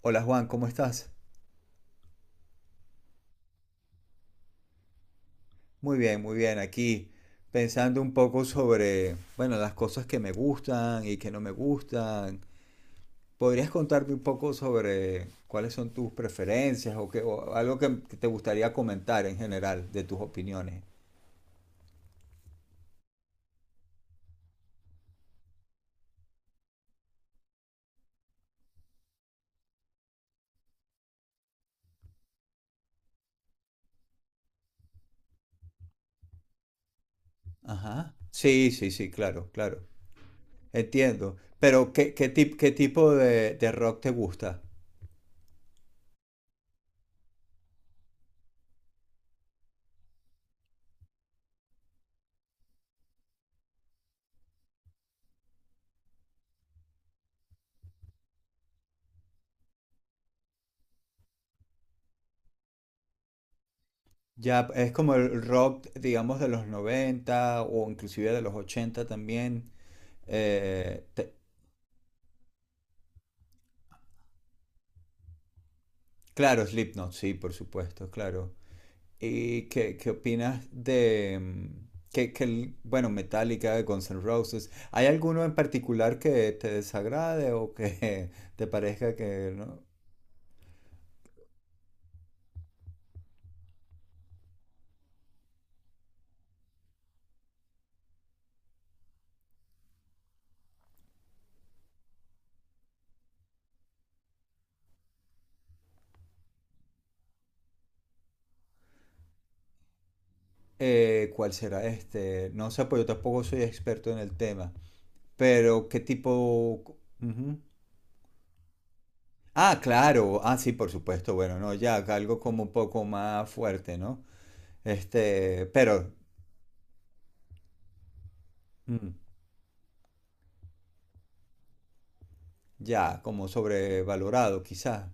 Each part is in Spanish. Hola Juan, ¿cómo estás? Muy bien, muy bien. Aquí pensando un poco sobre, bueno, las cosas que me gustan y que no me gustan. ¿Podrías contarme un poco sobre cuáles son tus preferencias o, o algo que te gustaría comentar en general de tus opiniones? Ajá. Sí, sí, sí, claro, claro. Entiendo. Pero, ¿ qué tipo de rock te gusta? Ya es como el rock, digamos, de los 90 o inclusive de los 80 también. Eh, te- Claro, Slipknot, sí, por supuesto, claro. ¿Y qué opinas de bueno, Metallica, Guns N' Roses? ¿Hay alguno en particular que te desagrade o que te parezca que no? ¿Cuál será este? No sé, pues yo tampoco soy experto en el tema, pero ¿qué tipo? Ujú. Ah, claro, ah, sí, por supuesto, bueno, no, ya, algo como un poco más fuerte, ¿no? Este, pero mm, ya, como sobrevalorado, quizás.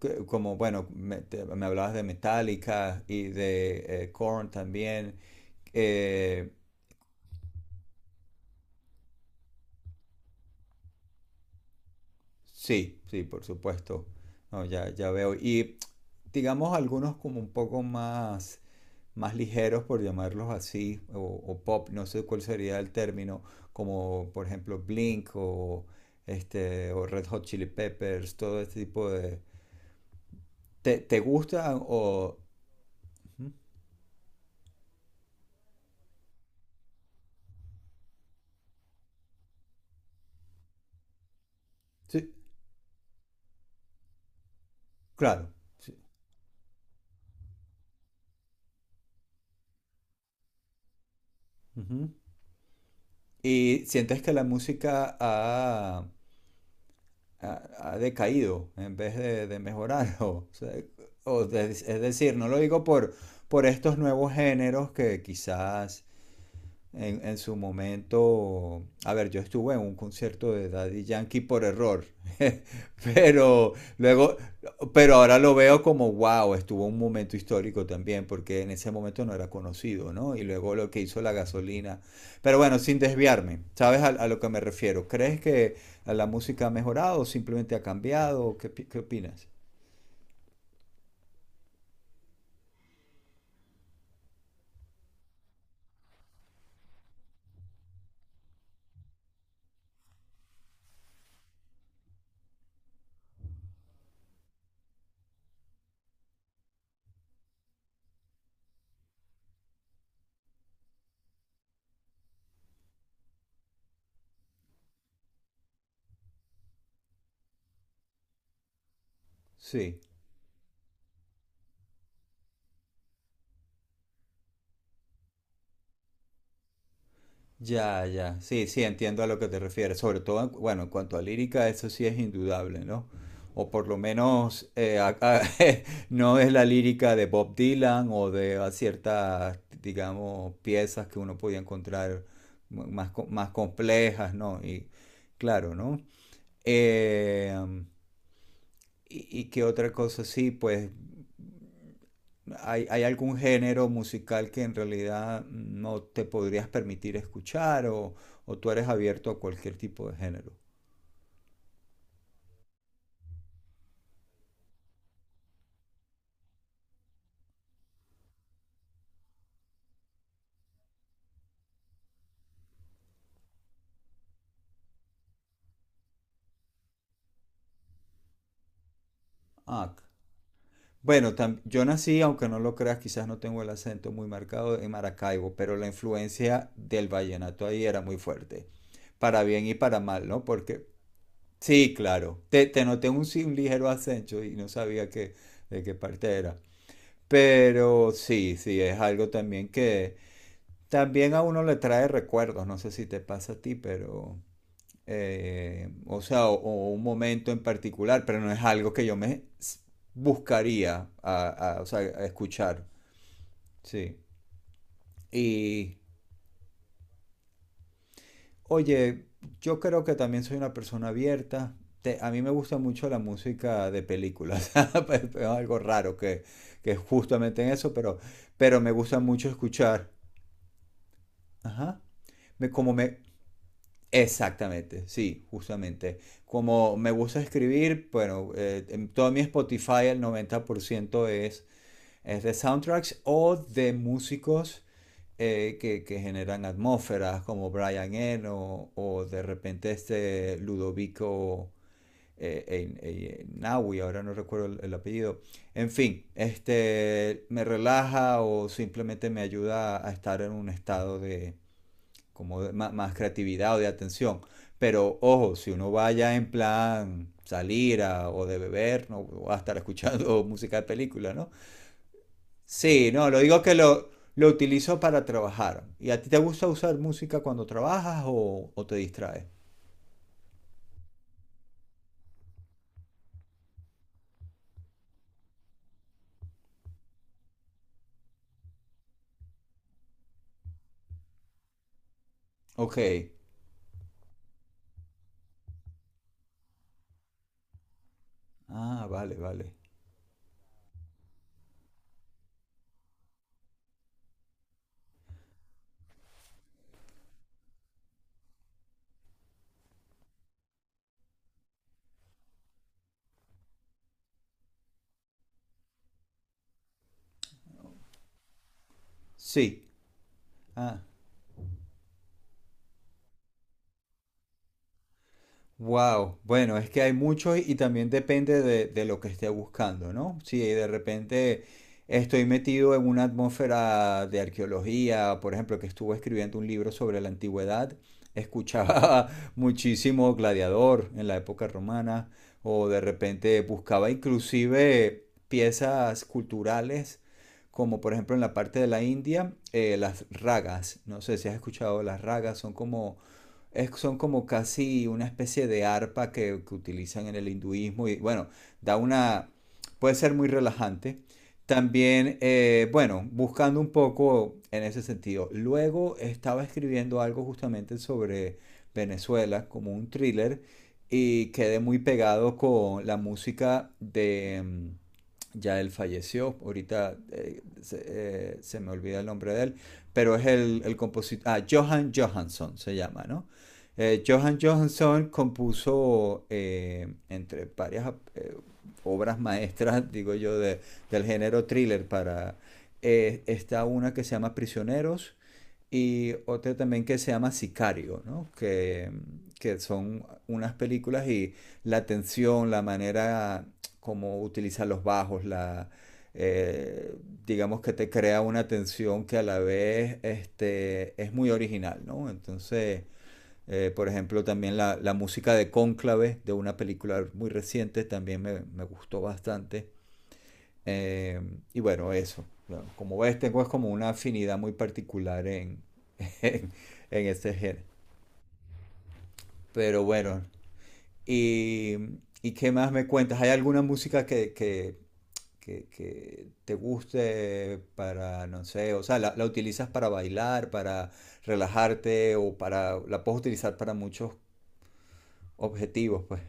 Como, bueno, me hablabas de Metallica y de Korn también. Eh, sí, sí, por supuesto. No, ya, ya veo. Y digamos algunos como un poco más, más ligeros, por llamarlos así, o pop, no sé cuál sería el término, como por ejemplo Blink o, este, o Red Hot Chili Peppers, todo este tipo de... ¿Te gustan o...? Ujú. Sí, claro. Sí, ujú. ¿Y sientes que la música ha decaído en vez de mejorar? O sea, es decir, no lo digo por estos nuevos géneros que quizás en su momento, a ver, yo estuve en un concierto de Daddy Yankee por error, pero luego, pero ahora lo veo como, wow, estuvo un momento histórico también, porque en ese momento no era conocido, ¿no? Y luego lo que hizo la gasolina. Pero bueno, sin desviarme, ¿sabes a lo que me refiero? ¿Crees que la música ha mejorado o simplemente ha cambiado? ¿ qué opinas? Sí. Ya, ya. Sí, sí, entiendo a lo que te refieres. Sobre todo, bueno, en cuanto a lírica, eso sí es indudable, ¿no? O por lo menos no es la lírica de Bob Dylan o de a ciertas, digamos, piezas que uno podía encontrar más, más complejas, ¿no? Y claro, ¿no? Eh, y qué otra cosa, sí, pues ¿hay algún género musical que en realidad no te podrías permitir escuchar o tú eres abierto a cualquier tipo de género? Ah, bueno, yo nací, aunque no lo creas, quizás no tengo el acento muy marcado en Maracaibo, pero la influencia del vallenato ahí era muy fuerte, para bien y para mal, ¿no? Porque, sí, claro, te noté un, sí, un ligero acento y no sabía que, de qué parte era, pero sí, sí, es algo también que, también a uno le trae recuerdos, no sé si te pasa a ti, pero, o sea, o un momento en particular, pero no es algo que yo buscaría o sea, a escuchar, sí. Y, oye, yo creo que también soy una persona abierta. A mí me gusta mucho la música de películas. Pues, es algo raro que es justamente en eso, pero me gusta mucho escuchar. Ajá. Me, como me, exactamente, sí, justamente. Como me gusta escribir, bueno, en todo mi Spotify el 90% es de soundtracks o de músicos que generan atmósferas como Brian Eno o de repente este Ludovico Naui, ahora no recuerdo el apellido. En fin, este me relaja o simplemente me ayuda a estar en un estado de, más creatividad o de atención. Pero ojo, si uno vaya en plan salir o de beber, no va a estar escuchando música de película, ¿no? Sí, no, lo digo que lo utilizo para trabajar. ¿Y a ti te gusta usar música cuando trabajas o te distraes? Ok. Ah, vale, vale. Sí. Ah. Wow, bueno, es que hay mucho y también depende de lo que esté buscando, ¿no? Si de repente estoy metido en una atmósfera de arqueología, por ejemplo, que estuve escribiendo un libro sobre la antigüedad, escuchaba muchísimo Gladiador en la época romana, o de repente buscaba inclusive piezas culturales, como por ejemplo en la parte de la India, las ragas. No sé si has escuchado las ragas, son son como casi una especie de arpa que utilizan en el hinduismo y bueno, da una, puede ser muy relajante. También, bueno, buscando un poco en ese sentido. Luego estaba escribiendo algo justamente sobre Venezuela, como un thriller, y quedé muy pegado con la música de... ya él falleció, ahorita se me olvida el nombre de él, pero es el compositor, ah, Johan Johansson se llama, ¿no? Johan Johansson compuso entre varias obras maestras, digo yo, del género thriller para... está una que se llama Prisioneros y otra también que se llama Sicario, ¿no? Que son unas películas y la tensión, la manera como utilizan los bajos, eh, digamos que te crea una tensión que a la vez este, es muy original, ¿no? Entonces... por ejemplo, también música de Cónclave, de una película muy reciente, también me gustó bastante. Eh, y bueno, eso. Bueno, como ves, tengo es como una afinidad muy particular en, en este género. Pero bueno, y, y, ¿qué más me cuentas? ¿Hay alguna música que te guste para, no sé, o sea, utilizas para bailar, para relajarte o para la puedes utilizar para muchos objetivos, pues?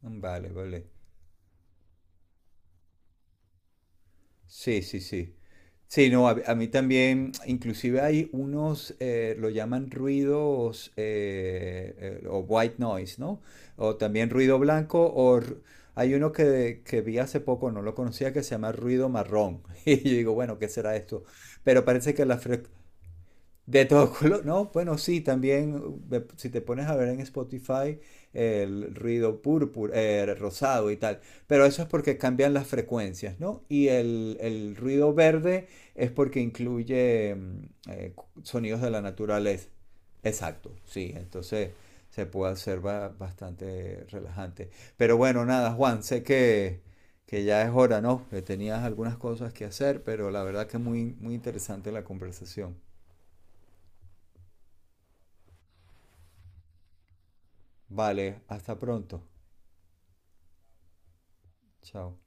Vale, vale. Sí, sí, sí. Sí, no, a mí también, inclusive hay unos, lo llaman ruidos o white noise, ¿no? O también ruido blanco, hay uno que vi hace poco, no lo conocía, que se llama ruido marrón. Y yo digo, bueno, ¿qué será esto? Pero parece que las... de todo color, no, bueno, sí, también si te pones a ver en Spotify el ruido púrpura, rosado y tal, pero eso es porque cambian las frecuencias, ¿no? Y el ruido verde es porque incluye sonidos de la naturaleza. Exacto, sí, entonces se puede hacer bastante relajante. Pero bueno, nada, Juan, sé que ya es hora, ¿no? Que tenías algunas cosas que hacer, pero la verdad que muy, muy interesante la conversación. Vale, hasta pronto. Chao.